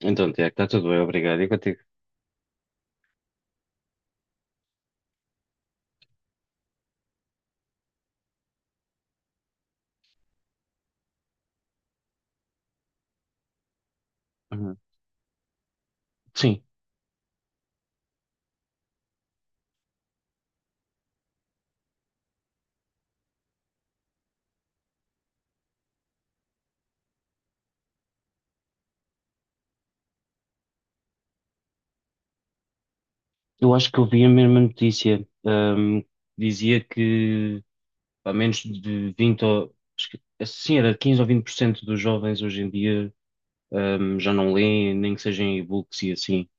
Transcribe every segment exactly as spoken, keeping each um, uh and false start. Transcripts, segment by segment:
Então, Tiago, está tudo bem, obrigado. E contigo? Uhum. Sim, eu acho que eu vi a mesma notícia. Ahm, dizia que a menos de vinte, ou, acho que- eh, sim, era quinze ou vinte por cento dos jovens hoje em dia ahm, já não leem, nem que sejam e-books e assim.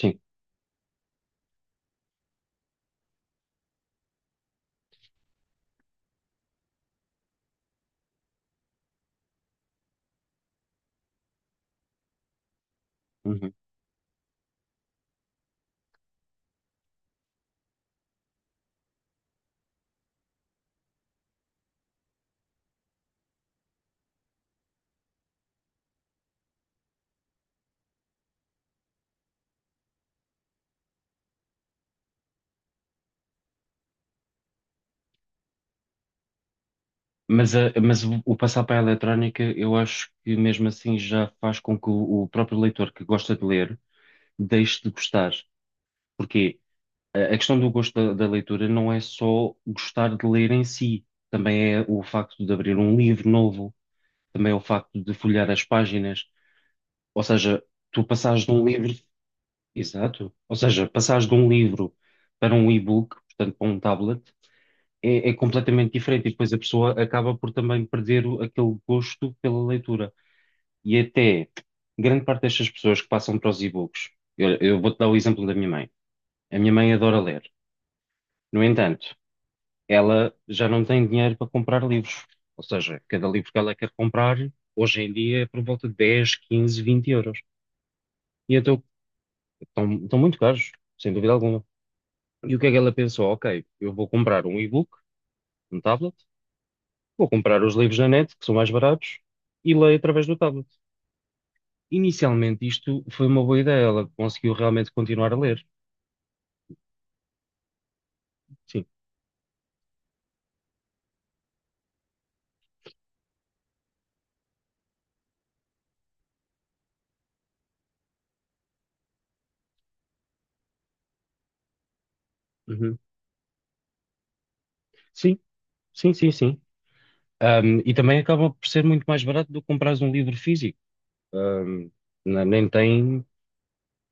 Sim. Uhum. Mas, a- mas o o passar para a eletrónica, eu acho que mesmo assim já faz com que o, o próprio leitor que gosta de ler deixe de gostar. Porquê? A a questão do gosto da, da leitura não é só gostar de ler em si, também é o facto de abrir um livro novo, também é o facto de folhear as páginas, ou seja, tu passares de um livro, exato, ou seja, passares de um livro para um e-book, portanto para um tablet, é, é completamente diferente e depois a pessoa acaba por também perder o- aquele gosto pela leitura. E até grande parte destas pessoas que passam para os e-books, eu, eu vou-te dar o exemplo da minha mãe. A minha mãe adora ler. No entanto, ela já não tem dinheiro para comprar livros. Ou seja, cada livro que ela quer comprar, hoje em dia, é por volta de dez, quinze, vinte euros. E então estão, estão muito caros, sem dúvida alguma. E o que é que ela pensou? Ok, eu vou comprar um e-book, um tablet, vou comprar os livros na net, que são mais baratos, e leio através do tablet. Inicialmente, isto foi uma boa ideia, ela conseguiu realmente continuar a ler. Sim. Uhum. Sim, sim, sim, sim. Ahm, e também acaba por ser muito mais barato do que comprares um livro físico. Ahm, na- nem tem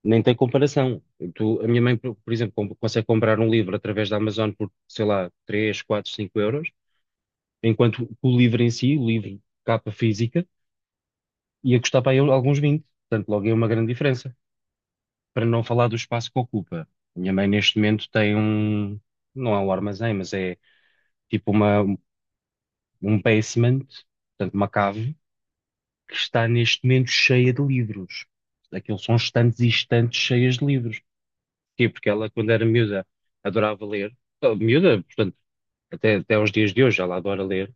Nem tem comparação. Tu- a minha mãe, por por exemplo, com- consegue comprar um livro através da Amazon por, sei lá, três quatro cinco euros, enquanto o livro em si, o livro capa física, ia custar para aí alguns vinte. Portanto, logo é uma grande diferença. Para não falar do espaço que ocupa. A minha mãe, neste momento, tem um, não é um armazém, mas é tipo uma, um basement, portanto, uma cave, que está neste momento cheia de livros. Aquilo são estantes e estantes cheias de livros. Sim, porque ela, quando era miúda, adorava ler. Ah, miúda, portanto, até, até aos dias de hoje ela adora ler.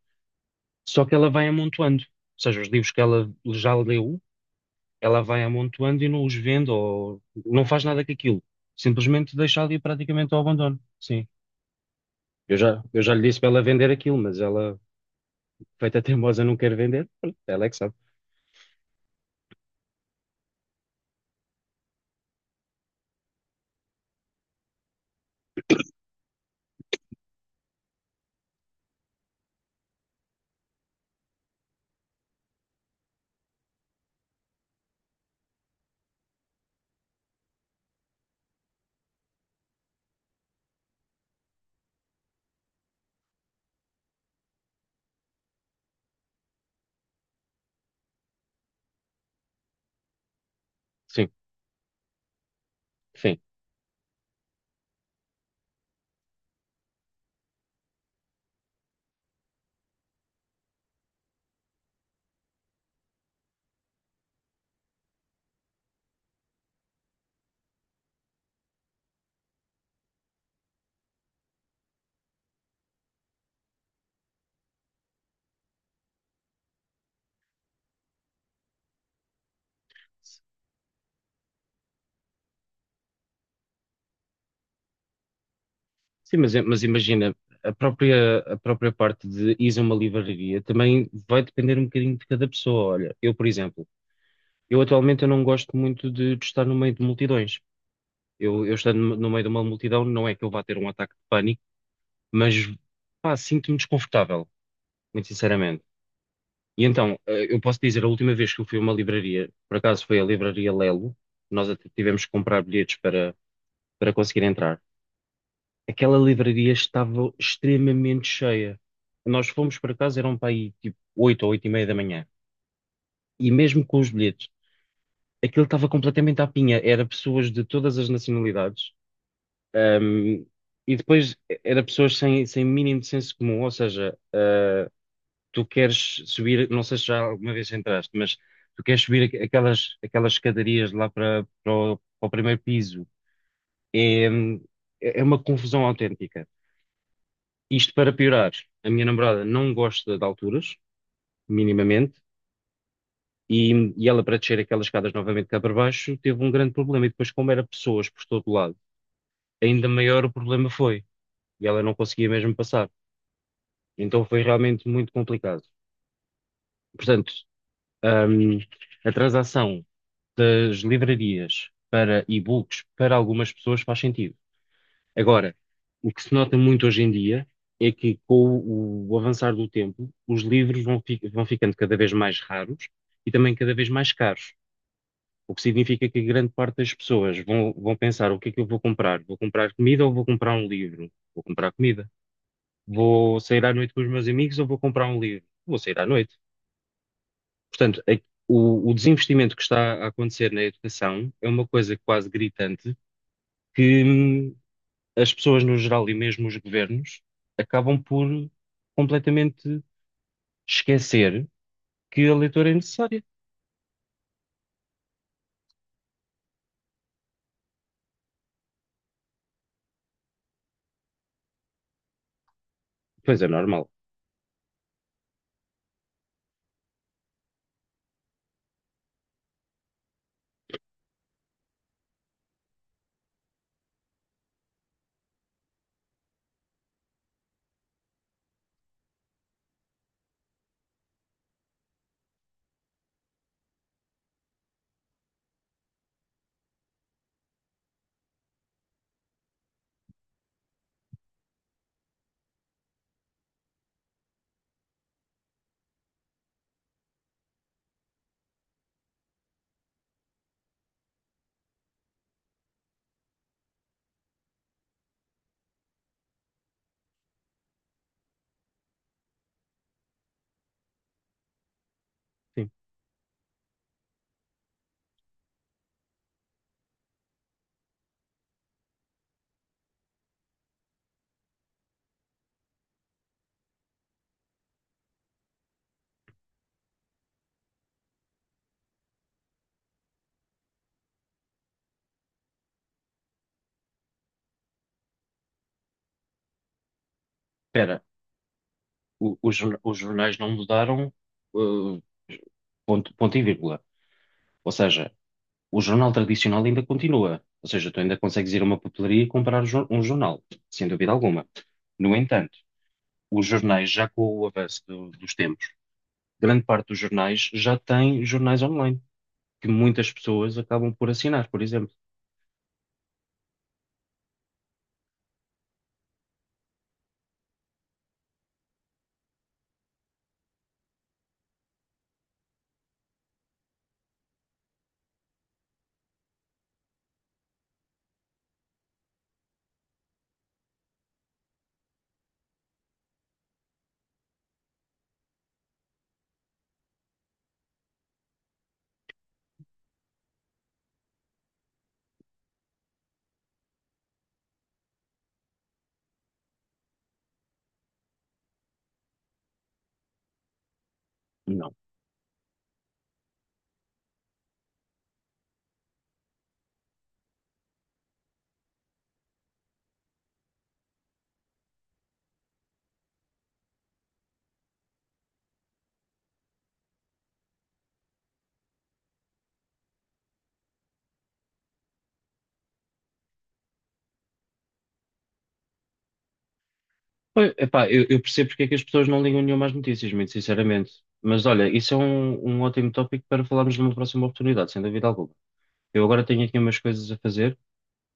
Só que ela vai amontoando. Ou seja, os livros que ela já leu, ela vai amontoando e não os vende ou não faz nada com aquilo. Simplesmente deixa ali praticamente ao abandono. Sim. Eu já, eu já lhe disse para ela vender aquilo, mas ela, feita teimosa, não quer vender. Pronto, ela é que sabe. Sim, enfim. Sim, mas, é- mas imagina, a própria, a própria parte de ir a uma livraria também vai depender um bocadinho de cada pessoa. Olha, eu, por exemplo, eu atualmente eu não gosto muito de, de estar no meio de multidões. Eu, eu estando no no meio de uma multidão, não é que eu vá ter um ataque de pânico, mas pá, sinto-me desconfortável, muito sinceramente. E então, eh, eu posso dizer, a última vez que eu fui a uma livraria, por acaso foi a livraria Lelo, nós até tivemos que comprar bilhetes para, para conseguir entrar. Aquela livraria estava extremamente cheia. Nós fomos para casa, eram para aí tipo oito ou oito e meia da manhã. E mesmo com os bilhetes, aquilo estava completamente à pinha. Era pessoas de todas as nacionalidades. ahm, e depois era pessoas sem, sem mínimo de senso comum. Ou seja, ah, tu queres subir, não sei se já alguma vez entraste, mas tu queres subir aqu- aquelas, aquelas escadarias lá para, para o, para o primeiro piso. É, é uma confusão autêntica. Isto para piorar, a minha namorada não gosta de alturas, minimamente, e, e ela para descer aquelas escadas novamente cá para baixo teve um grande problema. E depois, como era pessoas por todo lado, ainda maior o problema foi. E ela não conseguia mesmo passar. Então foi realmente muito complicado. Portanto, hum, a transação das livrarias para e-books para algumas pessoas faz sentido. Agora, o que se nota muito hoje em dia é que, com o, o avançar do tempo, os livros vão, fi- vão ficando cada vez mais raros e também cada vez mais caros. O que significa que grande parte das pessoas vão, vão pensar: o que é que eu vou comprar? Vou comprar comida ou vou comprar um livro? Vou comprar comida. Vou sair à noite com os meus amigos ou vou comprar um livro? Vou sair à noite. Portanto, a- o, o desinvestimento que está a acontecer na educação é uma coisa quase gritante. Que hum, as pessoas no geral e mesmo os governos acabam por completamente esquecer que a leitura é necessária. Pois é, normal. Sim. Espera, o- os jorna- os jornais não mudaram, uh, ponto, ponto e vírgula. Ou seja, o jornal tradicional ainda continua. Ou seja, tu ainda consegues ir a uma papelaria e comprar jo- um jornal, sem dúvida alguma. No entanto, os jornais, já com o avanço do- dos tempos, grande parte dos jornais já tem jornais online, que muitas pessoas acabam por assinar, por exemplo. Pois, epá, eu, eu percebo porque é que as pessoas não ligam nenhuma às notícias, muito sinceramente. Mas olha, isso é um, um ótimo tópico para falarmos numa próxima oportunidade, sem dúvida alguma. Eu agora tenho aqui umas coisas a fazer,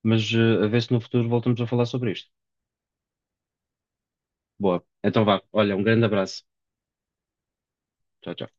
mas eh, a ver se no futuro voltamos a falar sobre isto. Boa. Então vá. Olha, um grande abraço. Tchau, tchau.